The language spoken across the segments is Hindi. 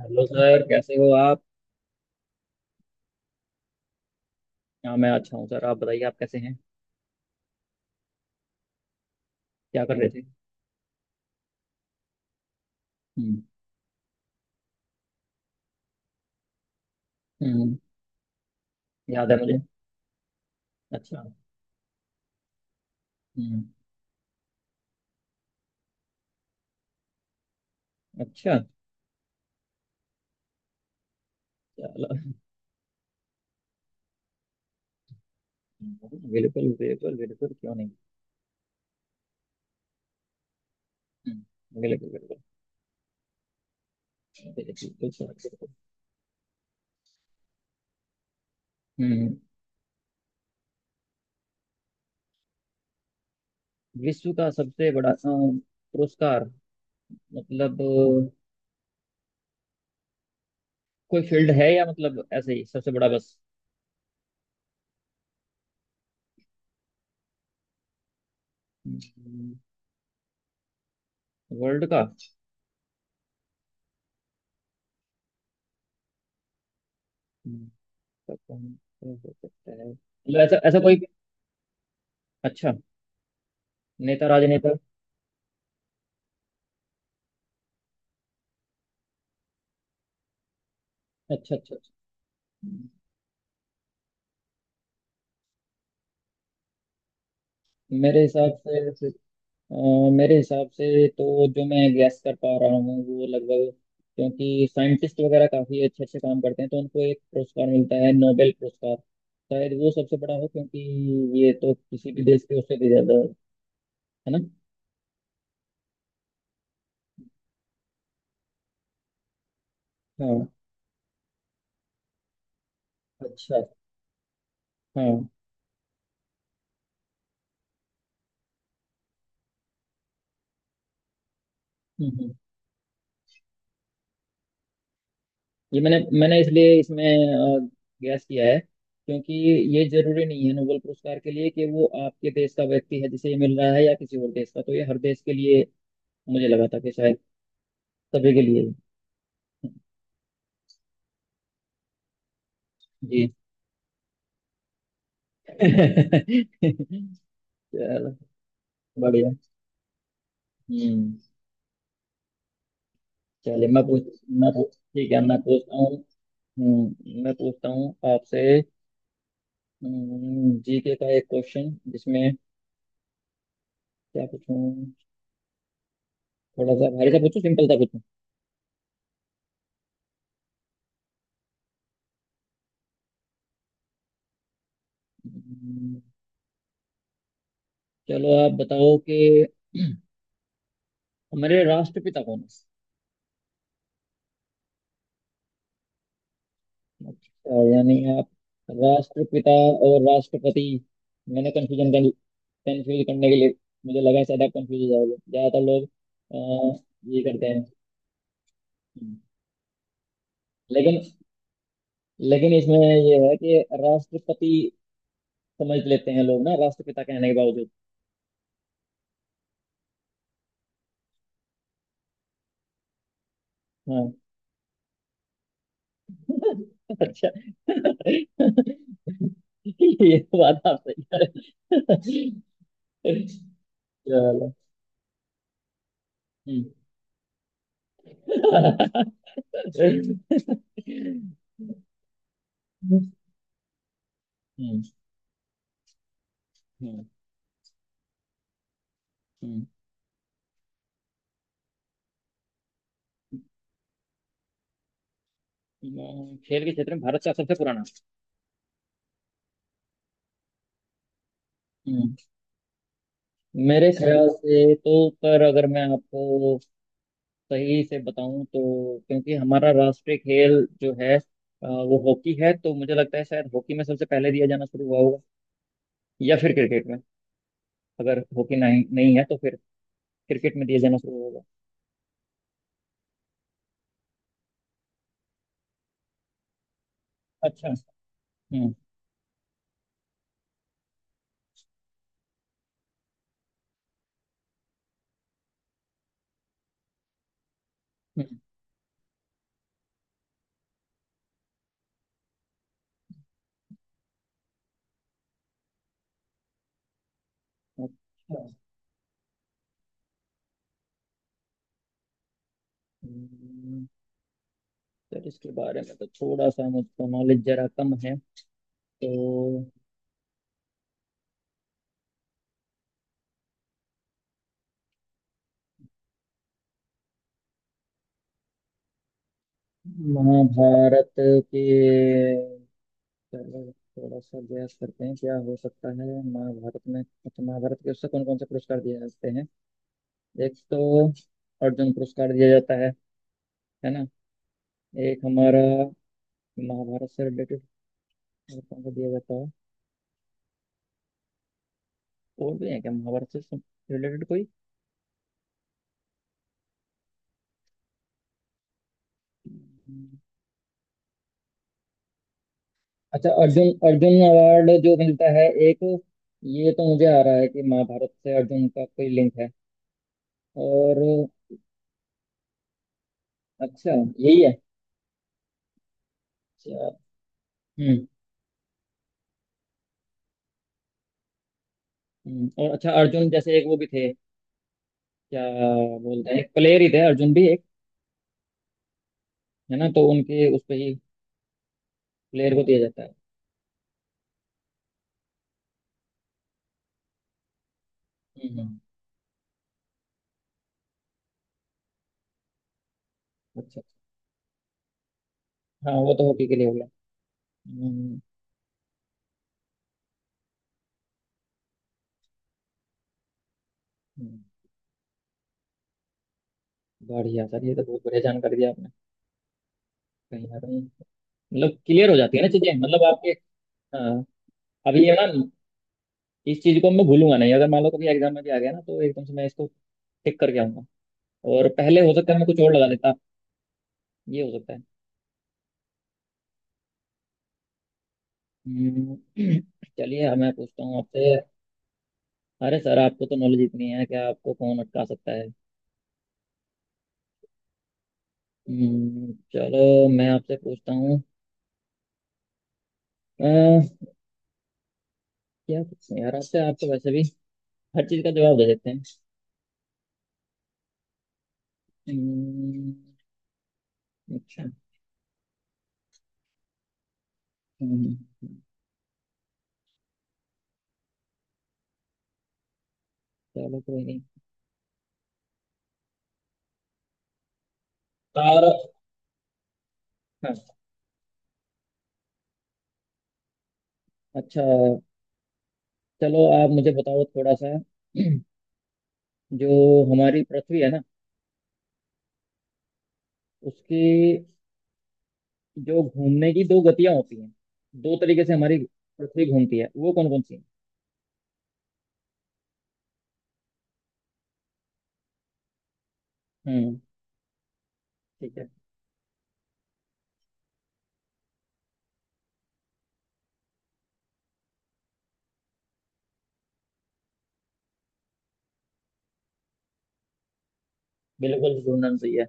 हेलो सर, कैसे हो आप। हाँ, मैं अच्छा हूँ सर। आप बताइए, आप कैसे हैं। क्या कर रहे थे। हम्म, हम्म। याद है मुझे। अच्छा। हम्म। अच्छा। चलो। बिल्कुल बिल्कुल बिल्कुल, क्यों नहीं। बिल्कुल बिल्कुल। बिल्कुल सर बिल्कुल। हम्म। विश्व का सबसे बड़ा पुरस्कार। मतलब कोई फील्ड है, या मतलब ऐसे ही सबसे बड़ा बस। हम्म, वर्ल्ड का। हम्म, तो कौन हो सकता है, मतलब ऐसा ऐसा कोई। अच्छा। नेता राजनेता। अच्छा अच्छा। मेरे हिसाब से अ, मेरे हिसाब से तो जो मैं गैस कर पा रहा हूँ वो लगभग। क्योंकि साइंटिस्ट वगैरह काफी अच्छे अच्छे काम करते हैं तो उनको एक पुरस्कार मिलता है, नोबेल पुरस्कार। शायद वो सबसे बड़ा हो, क्योंकि ये तो किसी भी देश के उससे भी ज्यादा है। है ना। हाँ। अच्छा। हाँ, हम्म। हम्म। ये मैंने मैंने इसलिए इसमें गैस किया है, क्योंकि ये जरूरी नहीं है नोबेल पुरस्कार के लिए कि वो आपके देश का व्यक्ति है जिसे ये मिल रहा है, या किसी और देश का। तो ये हर देश के लिए। मुझे लगा था कि शायद सभी के लिए। जी। चलो। बढ़िया। हम्म। चलिए मैं पूछ ठीक है, मैं पूछता हूँ। मैं पूछता हूँ आपसे। जीके का एक क्वेश्चन जिसमें क्या पूछूं, थोड़ा सा भारी सा पूछूं, सिंपल सा पूछूं। हम्म, चलो आप बताओ कि हमारे राष्ट्रपिता कौन है। अच्छा, यानी आप राष्ट्रपिता और राष्ट्रपति। मैंने कंफ्यूजन कंफ्यूज करने के लिए, मुझे लगा है शायद आप कंफ्यूज हो जाओगे, ज्यादातर लोग अ, ये करते हैं। हम्म। लेकिन लेकिन इसमें ये है कि राष्ट्रपति समझ लेते हैं लोग ना, राष्ट्रपिता कहने के बावजूद। हाँ। अच्छा। ये तो बात आप सही कह रहे हैं। चलो। हम्म। हम्म, हम्म, खेल के क्षेत्र में भारत का सबसे पुराना। हम्म। मेरे ख्याल से तो, पर अगर मैं आपको सही से बताऊं तो, क्योंकि हमारा राष्ट्रीय खेल जो है वो हॉकी है, तो मुझे लगता है शायद हॉकी में सबसे पहले दिया जाना शुरू हुआ होगा। या फिर क्रिकेट में। अगर हॉकी नहीं नहीं है तो फिर क्रिकेट में दिया जाना शुरू होगा। अच्छा। हम्म। हम्म। अच्छा। हम्म, सर इसके बारे में तो थोड़ा सा मुझको नॉलेज जरा कम है, तो। महाभारत के। चलो, थोड़ा सा गैस करते हैं क्या हो सकता है महाभारत में। अच्छा, महाभारत के उससे कौन कौन से पुरस्कार दिए जाते हैं। एक तो अर्जुन पुरस्कार दिया जाता है ना। एक हमारा महाभारत से रिलेटेड कौन सा दिया जाता है, और भी है क्या महाभारत से रिलेटेड कोई। अच्छा, अर्जुन, अर्जुन अवार्ड जो मिलता है एक, ये तो मुझे आ रहा है कि महाभारत से अर्जुन का कोई लिंक है, और। अच्छा। यही है। अच्छा। हम्म, और अच्छा, अर्जुन जैसे एक वो भी थे क्या, बोलते हैं एक प्लेयर ही थे, अर्जुन भी एक, है ना, तो उनके उस पे ही प्लेयर को दिया जाता है। हम्म, अच्छा अच्छा। हाँ वो तो हॉकी के लिए हो गया। हम्म, हम्म, बढ़िया सर, ये तो बहुत बढ़िया जानकारी दी आपने। कहीं ना कहीं, मतलब क्लियर हो जाती है ना चीजें, मतलब आपके। हाँ। अभी ये ना, इस चीज को मैं भूलूंगा नहीं। अगर मान लो कभी एग्जाम में भी आ गया ना, तो एकदम से मैं इसको टिक करके आऊंगा। और पहले हो सकता है मैं कुछ और लगा लेता। ये हो सकता है। हम्म, चलिए अब मैं पूछता हूँ आपसे। अरे सर, आपको तो नॉलेज इतनी है कि आपको कौन अटका सकता है। चलो, मैं आपसे पूछता हूँ। अ, क्या पूछूं यार आपसे, आप तो वैसे भी हर चीज का जवाब दे देते हैं। हम्म, अच्छा। हम्म, चलो कोई नहीं। तार। हाँ। अच्छा, चलो आप मुझे बताओ थोड़ा सा, जो हमारी पृथ्वी है ना, उसकी जो घूमने की दो गतियां होती हैं, दो तरीके से हमारी पृथ्वी घूमती है, वो कौन कौन सी हैं। हम्म। ठीक है। बिल्कुल, घूमना सही है।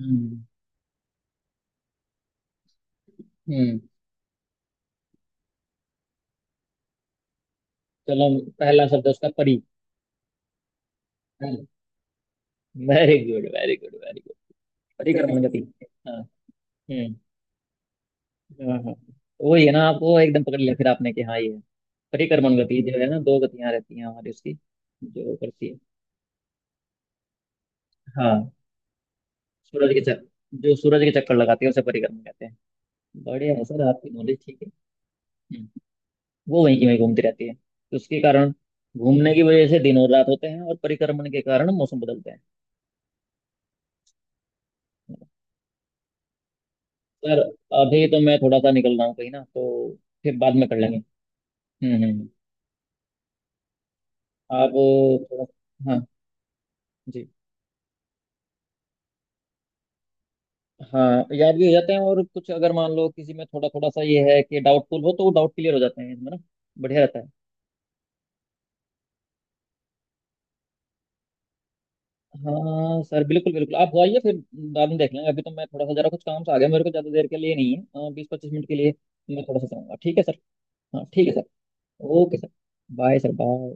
हम्म। हम्म। चलो, पहला शब्द है उसका, परी। Very good very good very good. बड़ी कर्मगति। हाँ। हम्म। हाँ, हाँ। तो वही है ना, आपको एकदम पकड़ लिया फिर आपने कि हाँ ये है। परिक्रमण गति जो है ना, दो गतियां रहती हैं हमारी उसकी। जो करती है। हाँ। सूरज के चक्कर, जो सूरज के चक्कर लगाती है उसे परिक्रमण कहते हैं। बढ़िया है सर, आपकी नॉलेज ठीक है। हम्म, वो वहीं की वहीं घूमती रहती है, तो उसके कारण, घूमने की वजह से दिन और रात होते हैं, और परिक्रमण के कारण मौसम बदलते हैं। सर, अभी तो मैं थोड़ा सा निकल रहा हूँ कहीं, ना तो फिर बाद में कर लेंगे। हम्म, हम्म, आप थोड़ा। हाँ जी, हाँ, याद भी हो जाते हैं, और कुछ अगर मान लो किसी में थोड़ा थोड़ा सा ये है कि डाउटफुल हो, तो वो डाउट क्लियर हो जाते हैं इसमें ना। बढ़िया रहता है। हाँ सर, बिल्कुल बिल्कुल। आप हो आइए फिर, बाद में देख लेंगे। अभी तो मैं थोड़ा सा जरा कुछ काम से आ गया, मेरे को ज़्यादा देर के लिए नहीं है, 20-25 मिनट के लिए मैं थोड़ा सा जाऊँगा। ठीक है सर। हाँ ठीक है sir. Okay sir, bye sir, bye.